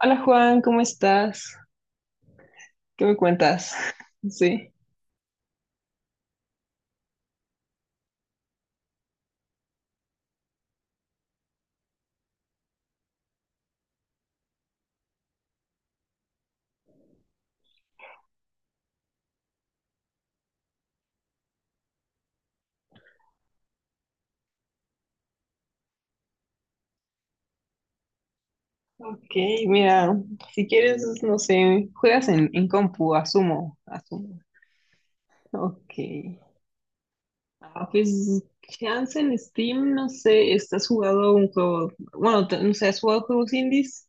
Hola, Juan, ¿cómo estás? ¿Qué me cuentas? Sí. Ok, mira, si quieres, no sé, juegas en compu, asumo, asumo. Ok. Ah, pues, chance en Steam, no sé, ¿estás jugando un juego? Bueno, no sé, ¿has jugado juegos indies?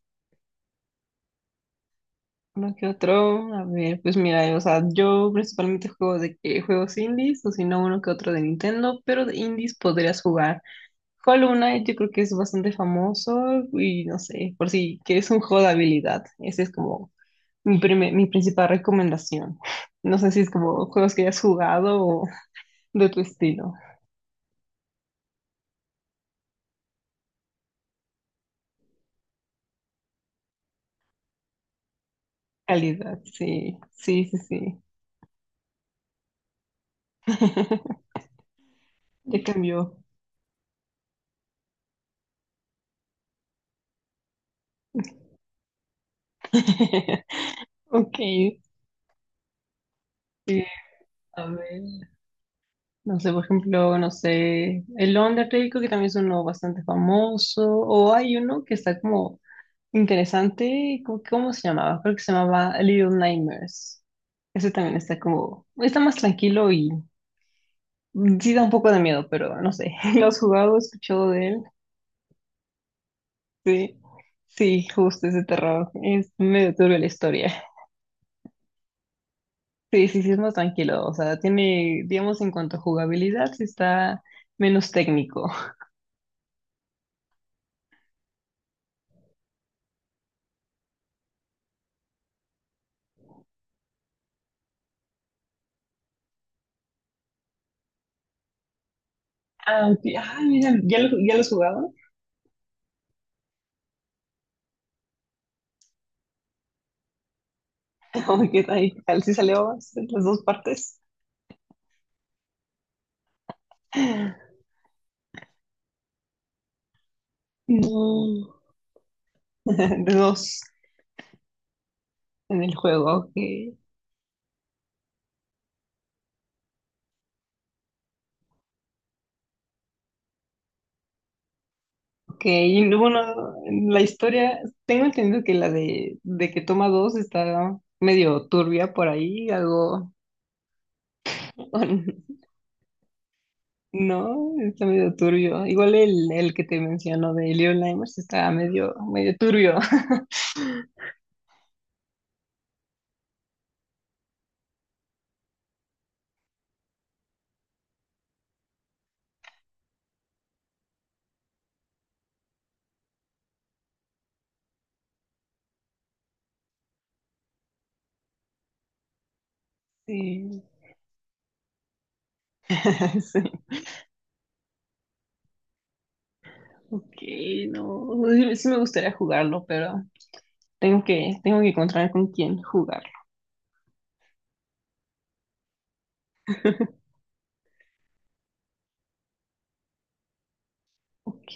Uno que otro, a ver, pues mira, o sea, yo principalmente juego de que juegos indies, o si no, uno que otro de Nintendo, pero de indies podrías jugar. Hollow Knight yo creo que es bastante famoso y no sé, por si que es un juego de habilidad. Ese es como mi, mi principal recomendación. No sé si es como juegos que hayas jugado o de tu estilo. Calidad, sí, sí, sí, sí. Ya cambió. Ok, sí, a ver. No sé, por ejemplo, no sé, el Undertale creo que también es uno bastante famoso. O hay uno que está como interesante. ¿Cómo, cómo se llamaba? Creo que se llamaba Little Nightmares. Ese también está como, está más tranquilo y sí da un poco de miedo, pero no sé. ¿Lo has jugado? ¿Has escuchado de él? Sí, sí, justo ese terror. Es medio turbio la historia. Sí, sí, sí, es más tranquilo. O sea, tiene, digamos, en cuanto a jugabilidad, sí está menos técnico. Ah, ok. Ah, mira, ya lo has jugado? Oh, ¿qué tal? ¿Qué tal? ¿Sí salió las dos partes? No. De dos. En el juego, que y bueno la historia, tengo entendido que la de que toma dos está medio turbia por ahí, algo, no, está medio turbio. Igual el que te menciono de Leon Limers está medio, medio turbio. Sí, sí. Ok, no, sí, sí me gustaría jugarlo, pero tengo que encontrar con quién jugarlo. Ok.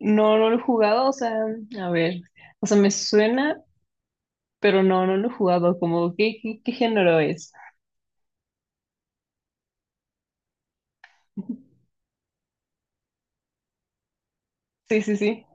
No, no lo he jugado, o sea, a ver, o sea, me suena, pero no, no lo he jugado. Como, ¿qué, qué, qué género es? Sí, sí, sí.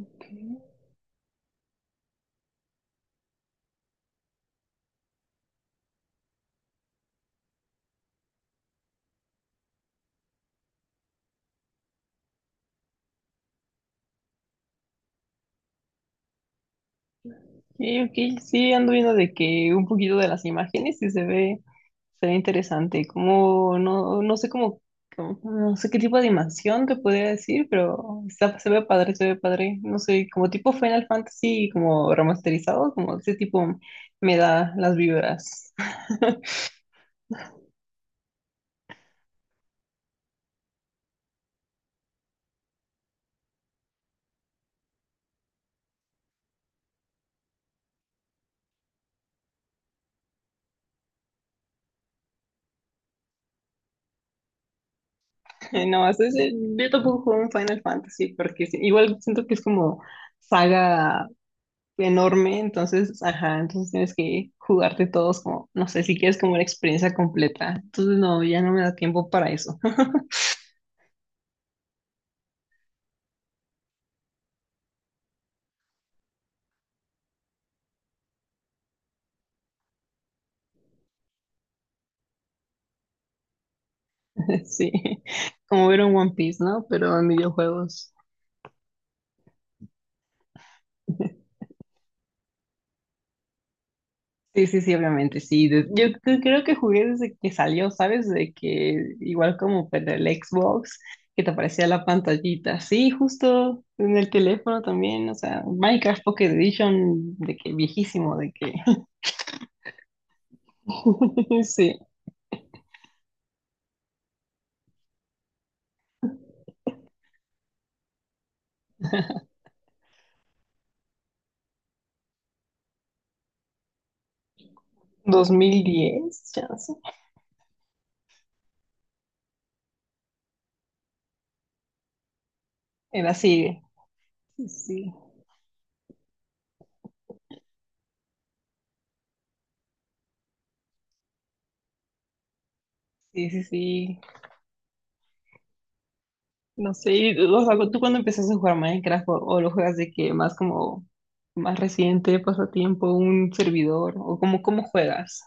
Ok, ok, sí, ando viendo de que un poquito de las imágenes y se ve interesante. Como, no, no sé cómo, no sé qué tipo de animación te podría decir, pero está, se ve padre, se ve padre. No sé, como tipo Final Fantasy, como remasterizado, como ese tipo me da las vibras. No, yo tampoco juego un Final Fantasy porque sí, igual siento que es como saga enorme, entonces, ajá, entonces tienes que jugarte todos como, no sé, si quieres como una experiencia completa. Entonces, no, ya no me da tiempo para eso. Sí, como ver un One Piece, ¿no? Pero en videojuegos. Sí, sí, sí, obviamente, sí. Yo creo que jugué desde que salió, ¿sabes? De que igual como para el Xbox, que te aparecía la pantallita. Sí, justo en el teléfono también, o sea, Minecraft Pocket Edition, de que viejísimo, de que... Sí. 2010 ya. Era así. Sí, sí, sí, sí, sí. No sé, y, o sea, tú cuando empezaste a jugar Minecraft o lo juegas de que más como más reciente, pasatiempo, un servidor o como cómo juegas.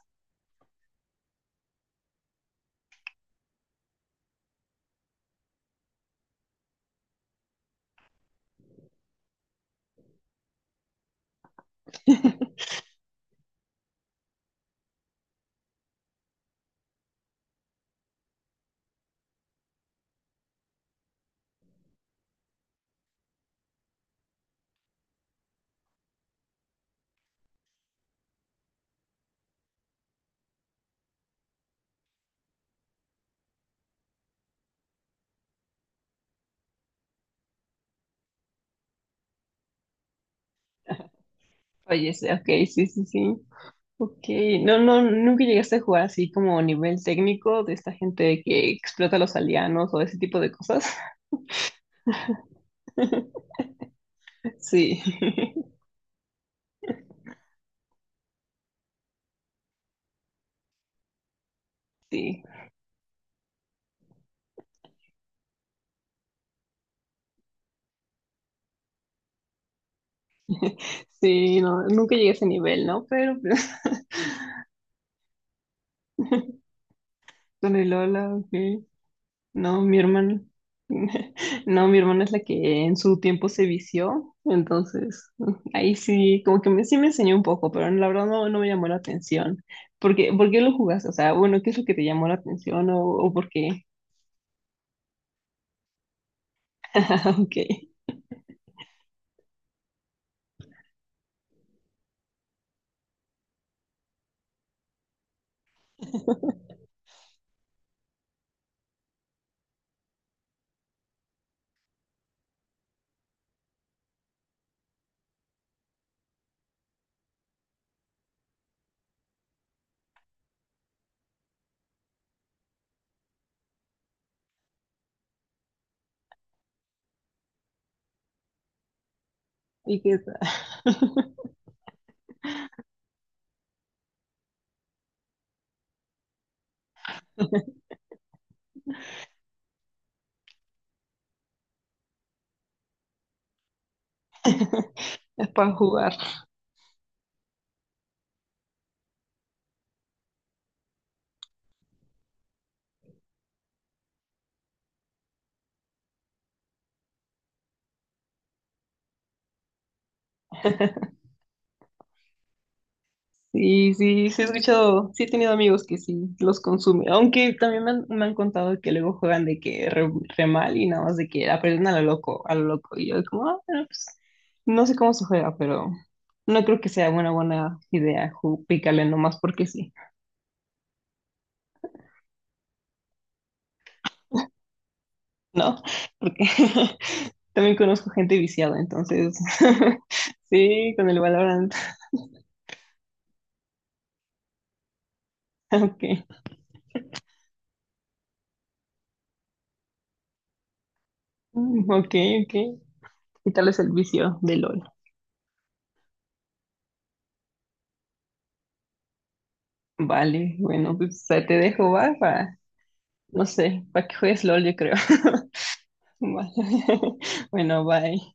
Oye, sí, ok, sí, sí, sí. Ok, no, no, nunca llegaste a jugar así como nivel técnico de esta gente que explota a los aldeanos o ese tipo de cosas. Sí, sí, sí, no, nunca llegué a ese nivel, ¿no? Pero con el Lola, ok. No, mi hermana. No, mi hermana es la que en su tiempo se vició, entonces ahí sí, como que me, sí me enseñó un poco, pero la verdad no, no me llamó la atención. Por qué lo jugaste? O sea, bueno, ¿qué es lo que te llamó la atención o por qué? Ah, ok, ¿y qué tal? Es para jugar. Sí, sí, sí he escuchado, sí he tenido amigos que sí los consumen, aunque también me han contado que luego juegan de que re, re mal y nada más de que aprenden a lo loco, y yo como, ah, bueno, pues, no sé cómo se juega, pero no creo que sea una buena idea picarle nomás porque sí, ¿no? Porque también conozco gente viciada, entonces, sí, con el Valorant, ok, mm, ok, ok, quitarles el vicio de LOL. Vale, bueno, pues te dejo, va, para no sé, para que juegues LOL, yo creo. Vale. Bueno, bye.